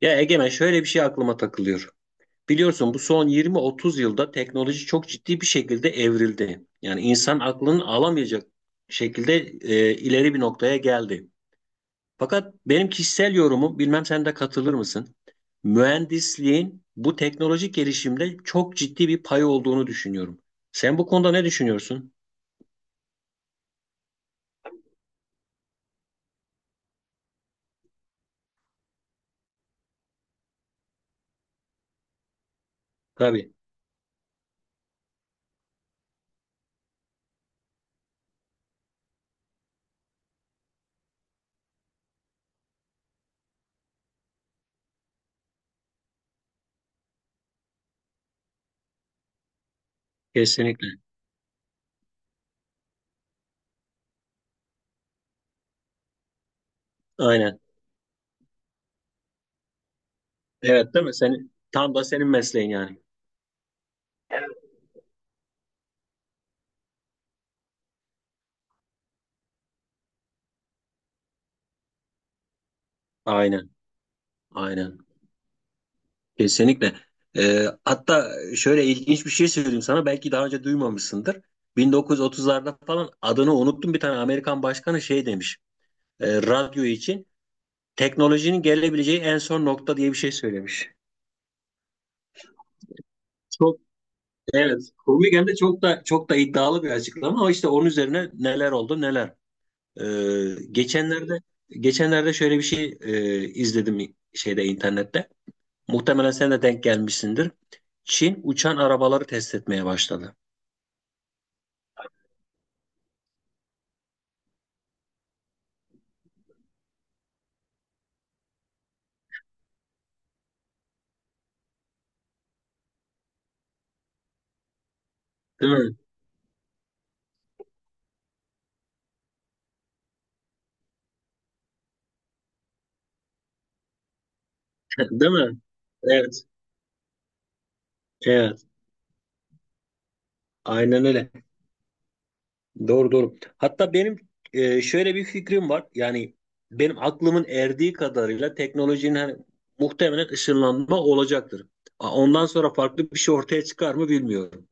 Ya Egemen şöyle bir şey aklıma takılıyor. Biliyorsun bu son 20-30 yılda teknoloji çok ciddi bir şekilde evrildi. Yani insan aklının alamayacak şekilde ileri bir noktaya geldi. Fakat benim kişisel yorumum, bilmem sen de katılır mısın? Mühendisliğin bu teknolojik gelişimde çok ciddi bir payı olduğunu düşünüyorum. Sen bu konuda ne düşünüyorsun? Tabii, kesinlikle. Aynen. Evet, değil mi? Senin, tam da senin mesleğin yani. Aynen, aynen. Kesinlikle. Hatta şöyle ilginç bir şey söyleyeyim sana. Belki daha önce duymamışsındır. 1930'larda falan adını unuttum, bir tane Amerikan başkanı şey demiş. Radyo için teknolojinin gelebileceği en son nokta diye bir şey söylemiş. Çok evet, komik hem de, çok da iddialı bir açıklama, ama işte onun üzerine neler oldu neler. Ee, geçenlerde geçenlerde şöyle bir şey izledim şeyde, internette. Muhtemelen sen de denk gelmişsindir. Çin uçan arabaları test etmeye başladı. Değil mi? Değil mi? Evet. Evet. Aynen öyle. Doğru doğru. Hatta benim şöyle bir fikrim var. Yani benim aklımın erdiği kadarıyla teknolojinin hani muhtemelen ışınlanma olacaktır. Ondan sonra farklı bir şey ortaya çıkar mı bilmiyorum.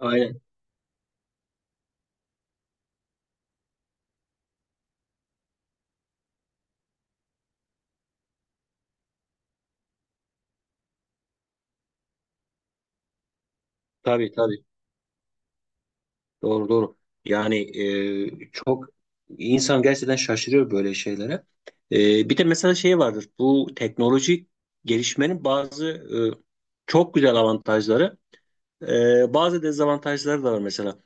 Aynen. Tabii tabii. Doğru doğru. Yani çok insan gerçekten şaşırıyor böyle şeylere. E, bir de mesela şey vardır. Bu teknolojik gelişmenin bazı çok güzel avantajları, bazı dezavantajları da var mesela.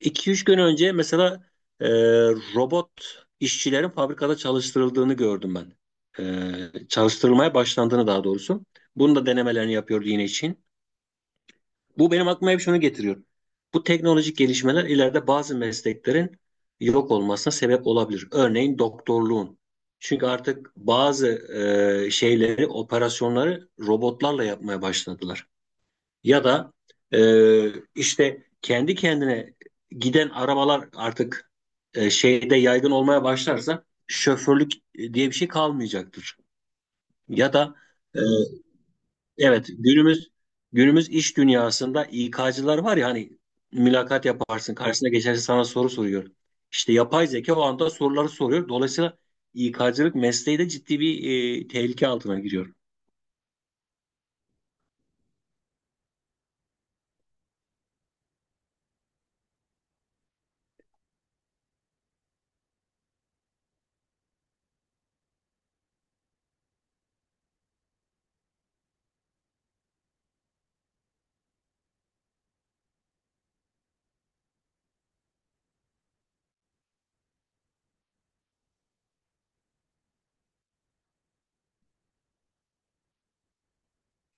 İki üç gün önce mesela e, robot işçilerin fabrikada çalıştırıldığını gördüm ben. Çalıştırılmaya başlandığını daha doğrusu. Bunun da denemelerini yapıyordu yine Çin. Bu benim aklıma hep şunu getiriyor. Bu teknolojik gelişmeler ileride bazı mesleklerin yok olmasına sebep olabilir. Örneğin doktorluğun. Çünkü artık bazı şeyleri, operasyonları robotlarla yapmaya başladılar. Ya da e, işte kendi kendine giden arabalar artık şeyde yaygın olmaya başlarsa, şoförlük diye bir şey kalmayacaktır. Ya da e, evet, günümüz iş dünyasında İK'cılar var ya hani, mülakat yaparsın karşısına geçerse sana soru soruyor. İşte yapay zeka o anda soruları soruyor. Dolayısıyla İK'cılık mesleği de ciddi bir tehlike altına giriyor.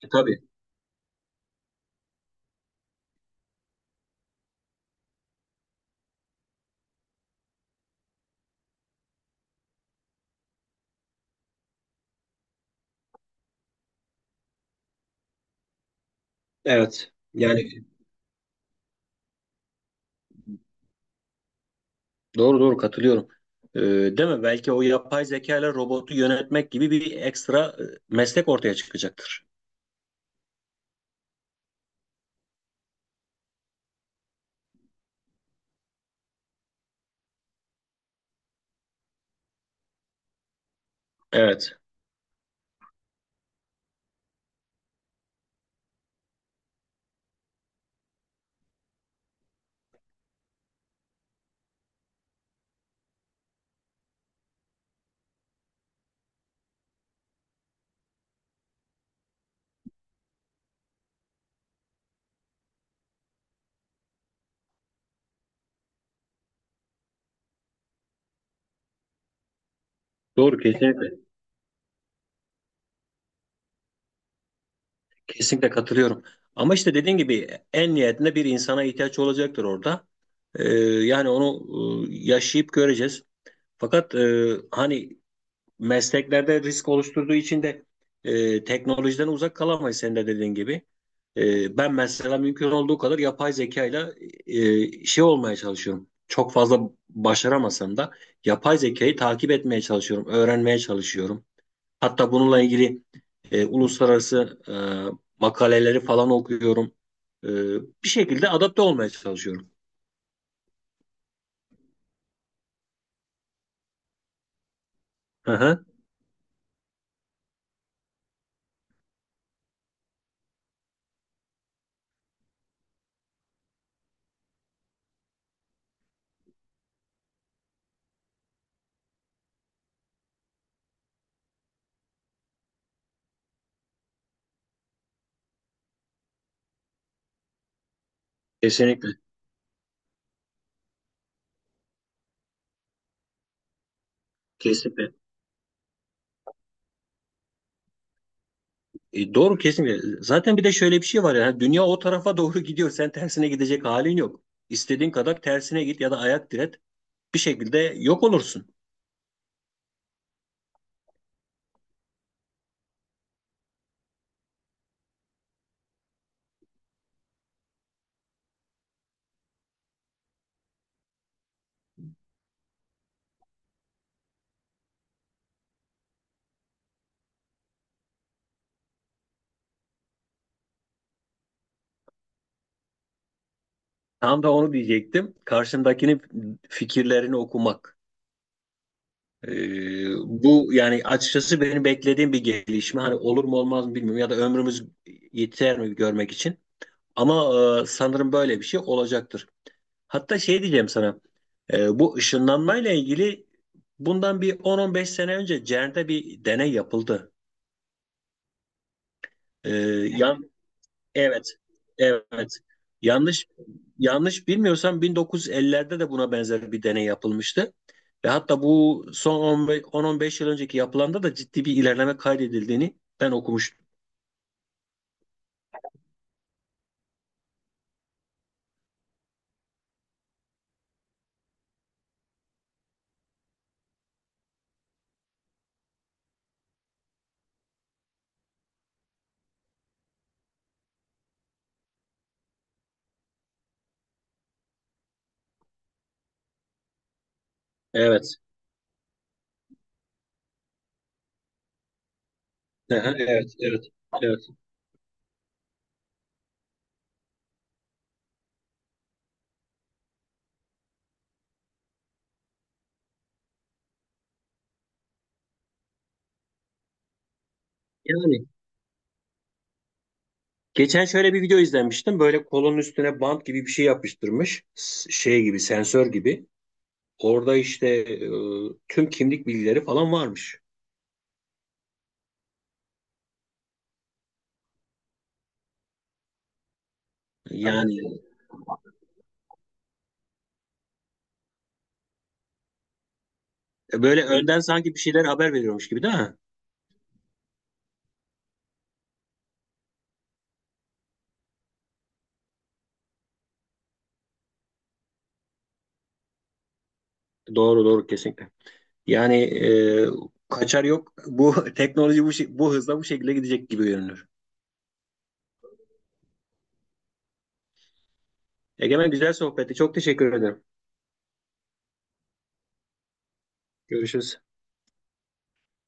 E, tabii. Evet. Yani doğru doğru, katılıyorum. Değil mi? Belki o yapay zeka ile robotu yönetmek gibi bir ekstra meslek ortaya çıkacaktır. Evet. Doğru, kesinlikle. Kesinlikle katılıyorum. Ama işte dediğin gibi en nihayetinde bir insana ihtiyaç olacaktır orada. Yani onu yaşayıp göreceğiz. Fakat hani mesleklerde risk oluşturduğu için de teknolojiden uzak kalamayız, sen de dediğin gibi. E, ben mesela mümkün olduğu kadar yapay zekayla şey olmaya çalışıyorum. Çok fazla başaramasam da yapay zekayı takip etmeye çalışıyorum, öğrenmeye çalışıyorum. Hatta bununla ilgili uluslararası makaleleri falan okuyorum. E, bir şekilde adapte olmaya çalışıyorum. Hı hı. Kesinlikle. Kesinlikle. E, doğru, kesinlikle. Zaten bir de şöyle bir şey var ya. Dünya o tarafa doğru gidiyor. Sen tersine gidecek halin yok. İstediğin kadar tersine git ya da ayak diret. Bir şekilde yok olursun. Tam da onu diyecektim. Karşındakinin fikirlerini okumak. E, bu yani açıkçası benim beklediğim bir gelişme. Hani olur mu olmaz mı bilmiyorum. Ya da ömrümüz yeter mi görmek için. Ama sanırım böyle bir şey olacaktır. Hatta şey diyeceğim sana. Bu ışınlanmayla ilgili bundan bir 10-15 sene önce CERN'de bir deney yapıldı. E, yan evet. Evet. Yanlış yanlış bilmiyorsam 1950'lerde de buna benzer bir deney yapılmıştı. Ve hatta bu son 15 10-15 yıl önceki yapılanda da ciddi bir ilerleme kaydedildiğini ben okumuştum. Evet. Aha, evet, evet, evet. Yani geçen şöyle bir video izlemiştim. Böyle kolonun üstüne bant gibi bir şey yapıştırmış. Şey gibi, sensör gibi. Orada işte tüm kimlik bilgileri falan varmış. Aynen. Yani evet. Böyle önden sanki bir şeyler haber veriyormuş gibi, değil mi? Doğru doğru, kesinlikle. Yani kaçar yok. Bu teknoloji bu, bu hızla bu şekilde gidecek gibi görünür. Egemen, güzel sohbetti. Çok teşekkür ederim. Görüşürüz.